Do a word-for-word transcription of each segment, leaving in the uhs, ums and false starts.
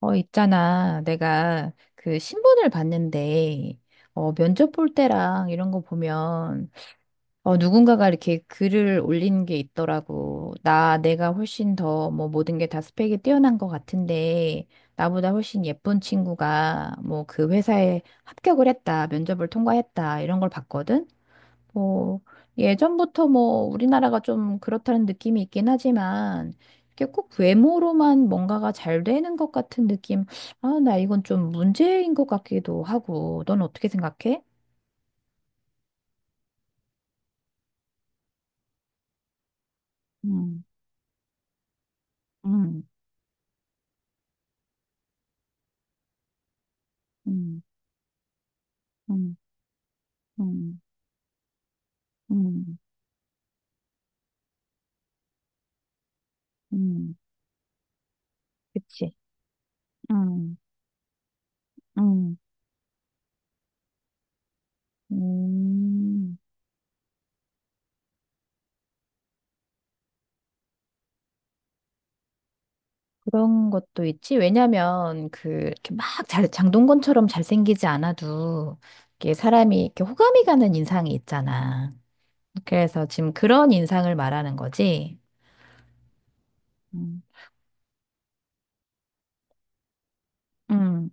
어, 있잖아. 내가 그 신문을 봤는데, 어, 면접 볼 때랑 이런 거 보면, 어, 누군가가 이렇게 글을 올린 게 있더라고. 나, 내가 훨씬 더, 뭐, 모든 게 다 스펙이 뛰어난 것 같은데, 나보다 훨씬 예쁜 친구가, 뭐, 그 회사에 합격을 했다, 면접을 통과했다, 이런 걸 봤거든? 뭐, 예전부터 뭐, 우리나라가 좀 그렇다는 느낌이 있긴 하지만, 이게 꼭 외모로만 뭔가가 잘 되는 것 같은 느낌, 아, 나 이건 좀 문제인 것 같기도 하고, 넌 어떻게 생각해? 음, 음, 음, 음, 음, 음, 그치. 음, 음, 음, 그런 것도 있지. 왜냐면, 그, 이렇게 막 잘, 장동건처럼 잘생기지 않아도, 이게 사람이 이렇게 호감이 가는 인상이 있잖아. 그래서 지금 그런 인상을 말하는 거지. 음, 음,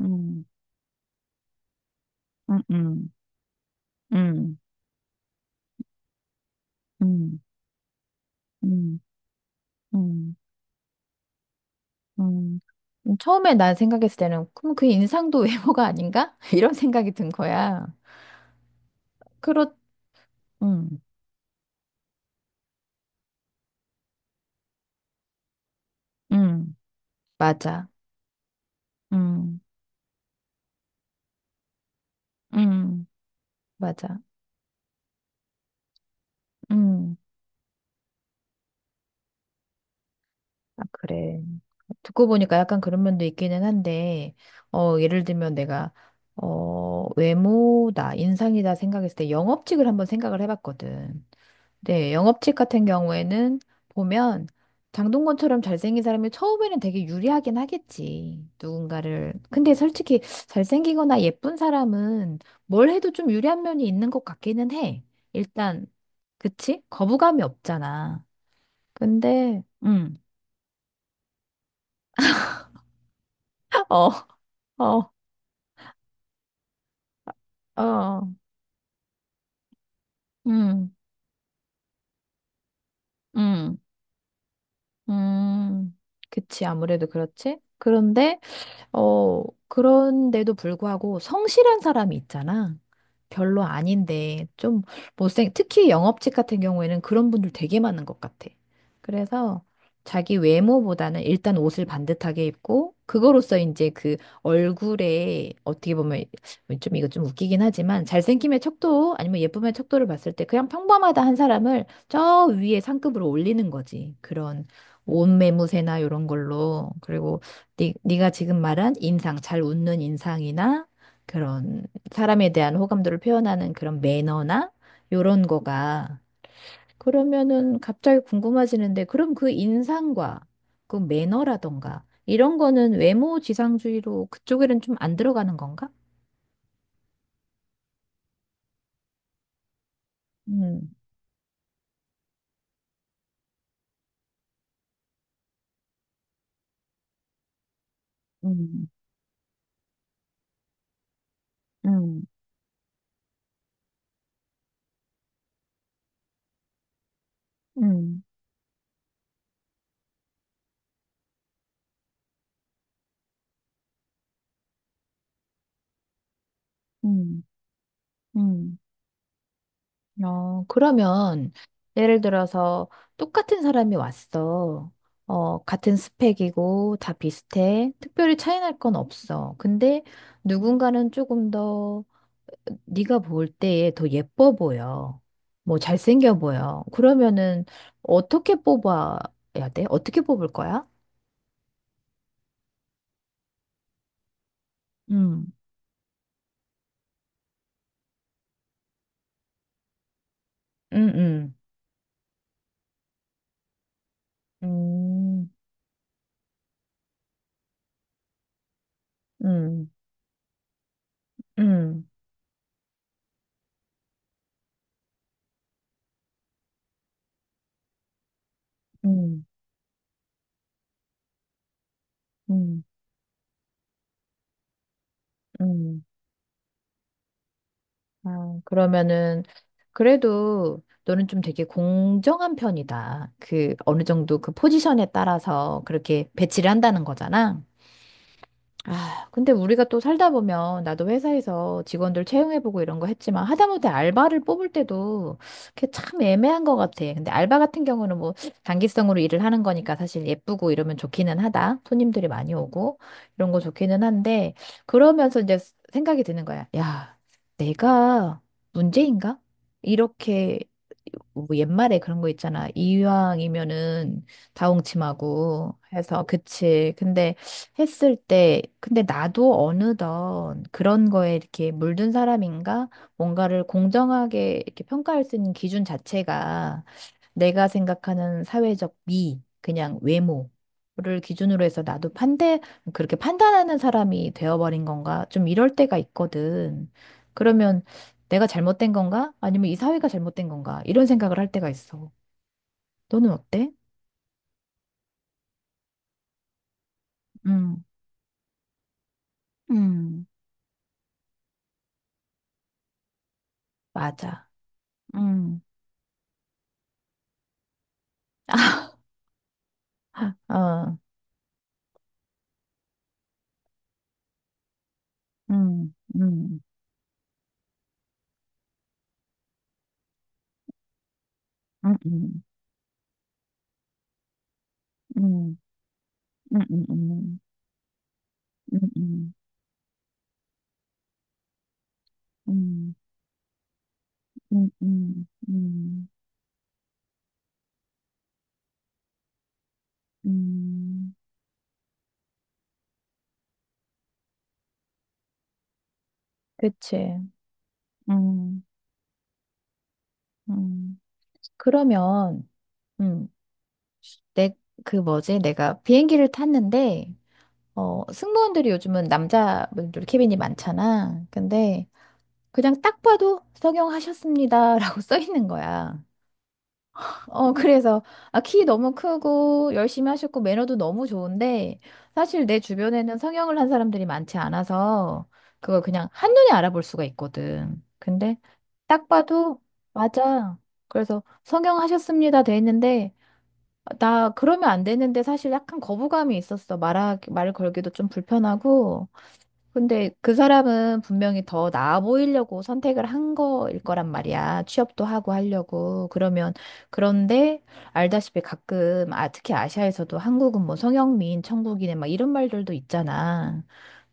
음, 음, 음, 음, 음, 음, 음, 음. 처음에 난 생각했을 때는 그럼 그 인상도 외모가 아닌가? 이런 생각이 든 거야. 그렇, 음, 음, 맞아. 음, 음, 맞아. 음. 아, 그래. 듣고 보니까 약간 그런 면도 있기는 한데, 어, 예를 들면 내가, 어, 외모다, 인상이다 생각했을 때 영업직을 한번 생각을 해봤거든. 네, 영업직 같은 경우에는 보면 장동건처럼 잘생긴 사람이 처음에는 되게 유리하긴 하겠지. 누군가를. 근데 솔직히 잘생기거나 예쁜 사람은 뭘 해도 좀 유리한 면이 있는 것 같기는 해. 일단, 그치? 거부감이 없잖아. 근데, 음. 어, 어. 어, 음, 음, 음. 그치, 아무래도 그렇지. 그런데 어, 그런데도 불구하고 성실한 사람이 있잖아. 별로 아닌데 좀 못생, 특히 영업직 같은 경우에는 그런 분들 되게 많은 것 같아. 그래서 자기 외모보다는 일단 옷을 반듯하게 입고 그거로써 이제 그 얼굴에 어떻게 보면 좀 이거 좀 웃기긴 하지만 잘생김의 척도 아니면 예쁨의 척도를 봤을 때 그냥 평범하다 한 사람을 저 위에 상급으로 올리는 거지. 그런 옷 매무새나 이런 걸로. 그리고 네, 네가 지금 말한 인상, 잘 웃는 인상이나 그런 사람에 대한 호감도를 표현하는 그런 매너나 요런 거가 그러면은 갑자기 궁금해지는데 그럼 그 인상과 그 매너라던가 이런 거는 외모 지상주의로 그쪽에는 좀 안 들어가는 건가? 음, 음, 음, 음, 음, 음. 어, 그러면 예를 들어서 똑같은 사람이 왔어. 어, 같은 스펙이고 다 비슷해. 특별히 차이 날 건 없어. 근데 누군가는 조금 더 네가 볼 때에 더 예뻐 보여. 뭐 잘생겨 보여. 그러면은 어떻게 뽑아야 돼? 어떻게 뽑을 거야? 음. 음, 음, 음, 음, 음, 음, 음, 음. 아, 그러면은 그래도 너는 좀 되게 공정한 편이다. 그 어느 정도 그 포지션에 따라서 그렇게 배치를 한다는 거잖아. 아, 근데 우리가 또 살다 보면 나도 회사에서 직원들 채용해보고 이런 거 했지만 하다못해 알바를 뽑을 때도 그게 참 애매한 것 같아. 근데 알바 같은 경우는 뭐 단기성으로 일을 하는 거니까 사실 예쁘고 이러면 좋기는 하다. 손님들이 많이 오고 이런 거 좋기는 한데 그러면서 이제 생각이 드는 거야. 야, 내가 문제인가? 이렇게 뭐 옛말에 그런 거 있잖아. 이왕이면은 다홍침하고 해서 그치. 근데 했을 때, 근데 나도 어느덧 그런 거에 이렇게 물든 사람인가? 뭔가를 공정하게 이렇게 평가할 수 있는 기준 자체가 내가 생각하는 사회적 미, 그냥 외모를 기준으로 해서 나도 판대, 그렇게 판단하는 사람이 되어버린 건가? 좀 이럴 때가 있거든. 그러면 내가 잘못된 건가? 아니면 이 사회가 잘못된 건가? 이런 생각을 할 때가 있어. 너는 어때? 음, 음, 맞아. 음. 어. 음, 음, 음, 음, 음, 음, 음, 음, 음, 음, 음, 음, 음, 음. 그치. 음, 음, 그러면, 음, 내, 그 뭐지? 내가 비행기를 탔는데, 어, 승무원들이 요즘은 남자분들 캐빈이 많잖아. 근데 그냥 딱 봐도 성형하셨습니다라고 써 있는 거야. 어, 그래서, 아, 키 너무 크고, 열심히 하셨고, 매너도 너무 좋은데, 사실 내 주변에는 성형을 한 사람들이 많지 않아서, 그걸 그냥 한눈에 알아볼 수가 있거든. 근데, 딱 봐도, 맞아. 그래서, 성형하셨습니다. 돼 있는데, 나 그러면 안 되는데, 사실 약간 거부감이 있었어. 말하, 말을 걸기도 좀 불편하고, 근데 그 사람은 분명히 더 나아 보이려고 선택을 한 거일 거란 말이야. 취업도 하고 하려고. 그러면, 그런데 알다시피 가끔, 아, 특히 아시아에서도 한국은 뭐 성형미인 천국이네, 막 이런 말들도 있잖아.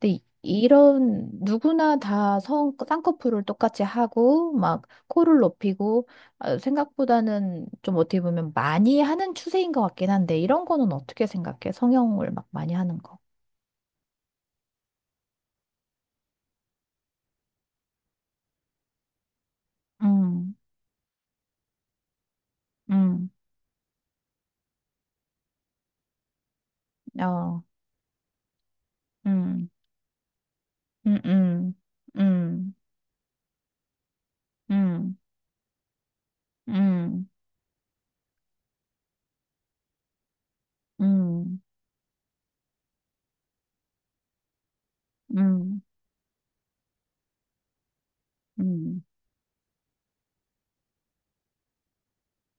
근데 이- 이런 누구나 다 성, 쌍꺼풀을 똑같이 하고, 막 코를 높이고, 아, 생각보다는 좀 어떻게 보면 많이 하는 추세인 것 같긴 한데, 이런 거는 어떻게 생각해? 성형을 막 많이 하는 거. 음, 음, 어. 음, 음, 음, 음, 음, 음, 음, 음, 음,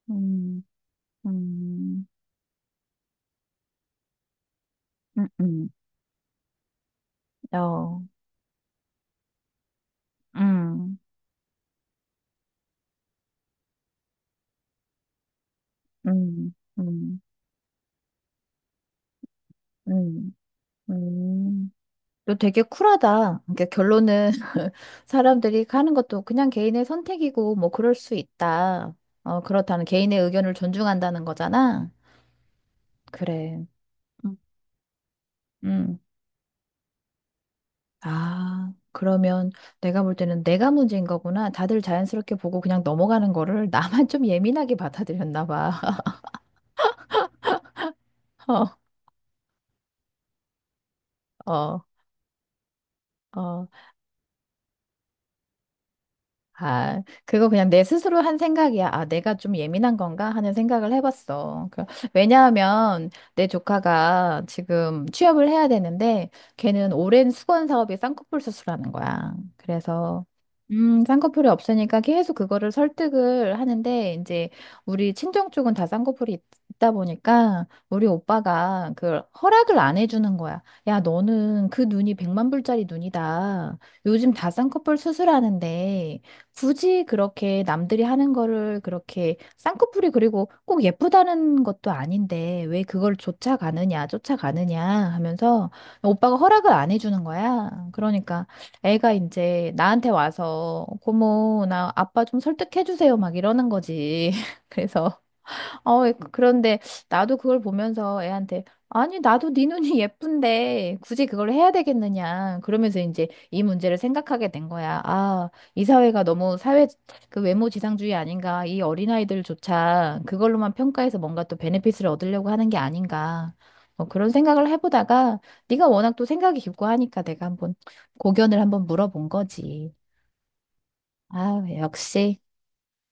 음, 음, 음, 음, 어, 음, 음, 음, 음, 음. 너 되게 쿨하다. 그러니까 결론은 사람들이 하는 것도 그냥 개인의 선택이고 뭐 그럴 수 있다. 어, 그렇다는 개인의 의견을 존중한다는 거잖아. 그래. 음. 음. 아, 그러면 내가 볼 때는 내가 문제인 거구나. 다들 자연스럽게 보고 그냥 넘어가는 거를 나만 좀 예민하게 받아들였나 봐. 어, 어. 아, 그거 그냥 내 스스로 한 생각이야. 아, 내가 좀 예민한 건가 하는 생각을 해봤어. 그, 왜냐하면 내 조카가 지금 취업을 해야 되는데 걔는 오랜 수건 사업이 쌍꺼풀 수술하는 거야. 그래서 음, 쌍꺼풀이 없으니까 계속 그거를 설득을 하는데 이제 우리 친정 쪽은 다 쌍꺼풀이 있- 있다 보니까 우리 오빠가 그 허락을 안 해주는 거야. 야, 너는 그 눈이 백만 불짜리 눈이다. 요즘 다 쌍꺼풀 수술하는데 굳이 그렇게 남들이 하는 거를 그렇게 쌍꺼풀이 그리고 꼭 예쁘다는 것도 아닌데 왜 그걸 쫓아가느냐, 쫓아가느냐 하면서 오빠가 허락을 안 해주는 거야. 그러니까 애가 이제 나한테 와서 고모, 나 아빠 좀 설득해주세요 막 이러는 거지. 그래서 어, 예, 그, 그런데 나도 그걸 보면서 애한테 아니, 나도 네 눈이 예쁜데 굳이 그걸 해야 되겠느냐. 그러면서 이제 이 문제를 생각하게 된 거야. 아, 이 사회가 너무 사회 그 외모 지상주의 아닌가. 이 어린아이들조차 그걸로만 평가해서 뭔가 또 베네핏을 얻으려고 하는 게 아닌가. 어, 그런 생각을 해보다가 네가 워낙 또 생각이 깊고 하니까 내가 한번 고견을 한번 물어본 거지. 아, 역시.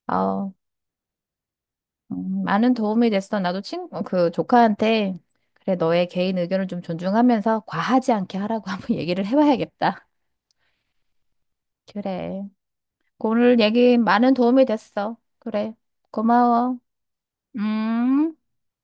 어, 음, 많은 도움이 됐어. 나도 친, 어, 그 조카한테 그래, 너의 개인 의견을 좀 존중하면서 과하지 않게 하라고 한번 얘기를 해봐야겠다. 그래. 오늘 얘기 많은 도움이 됐어. 그래. 고마워. 음.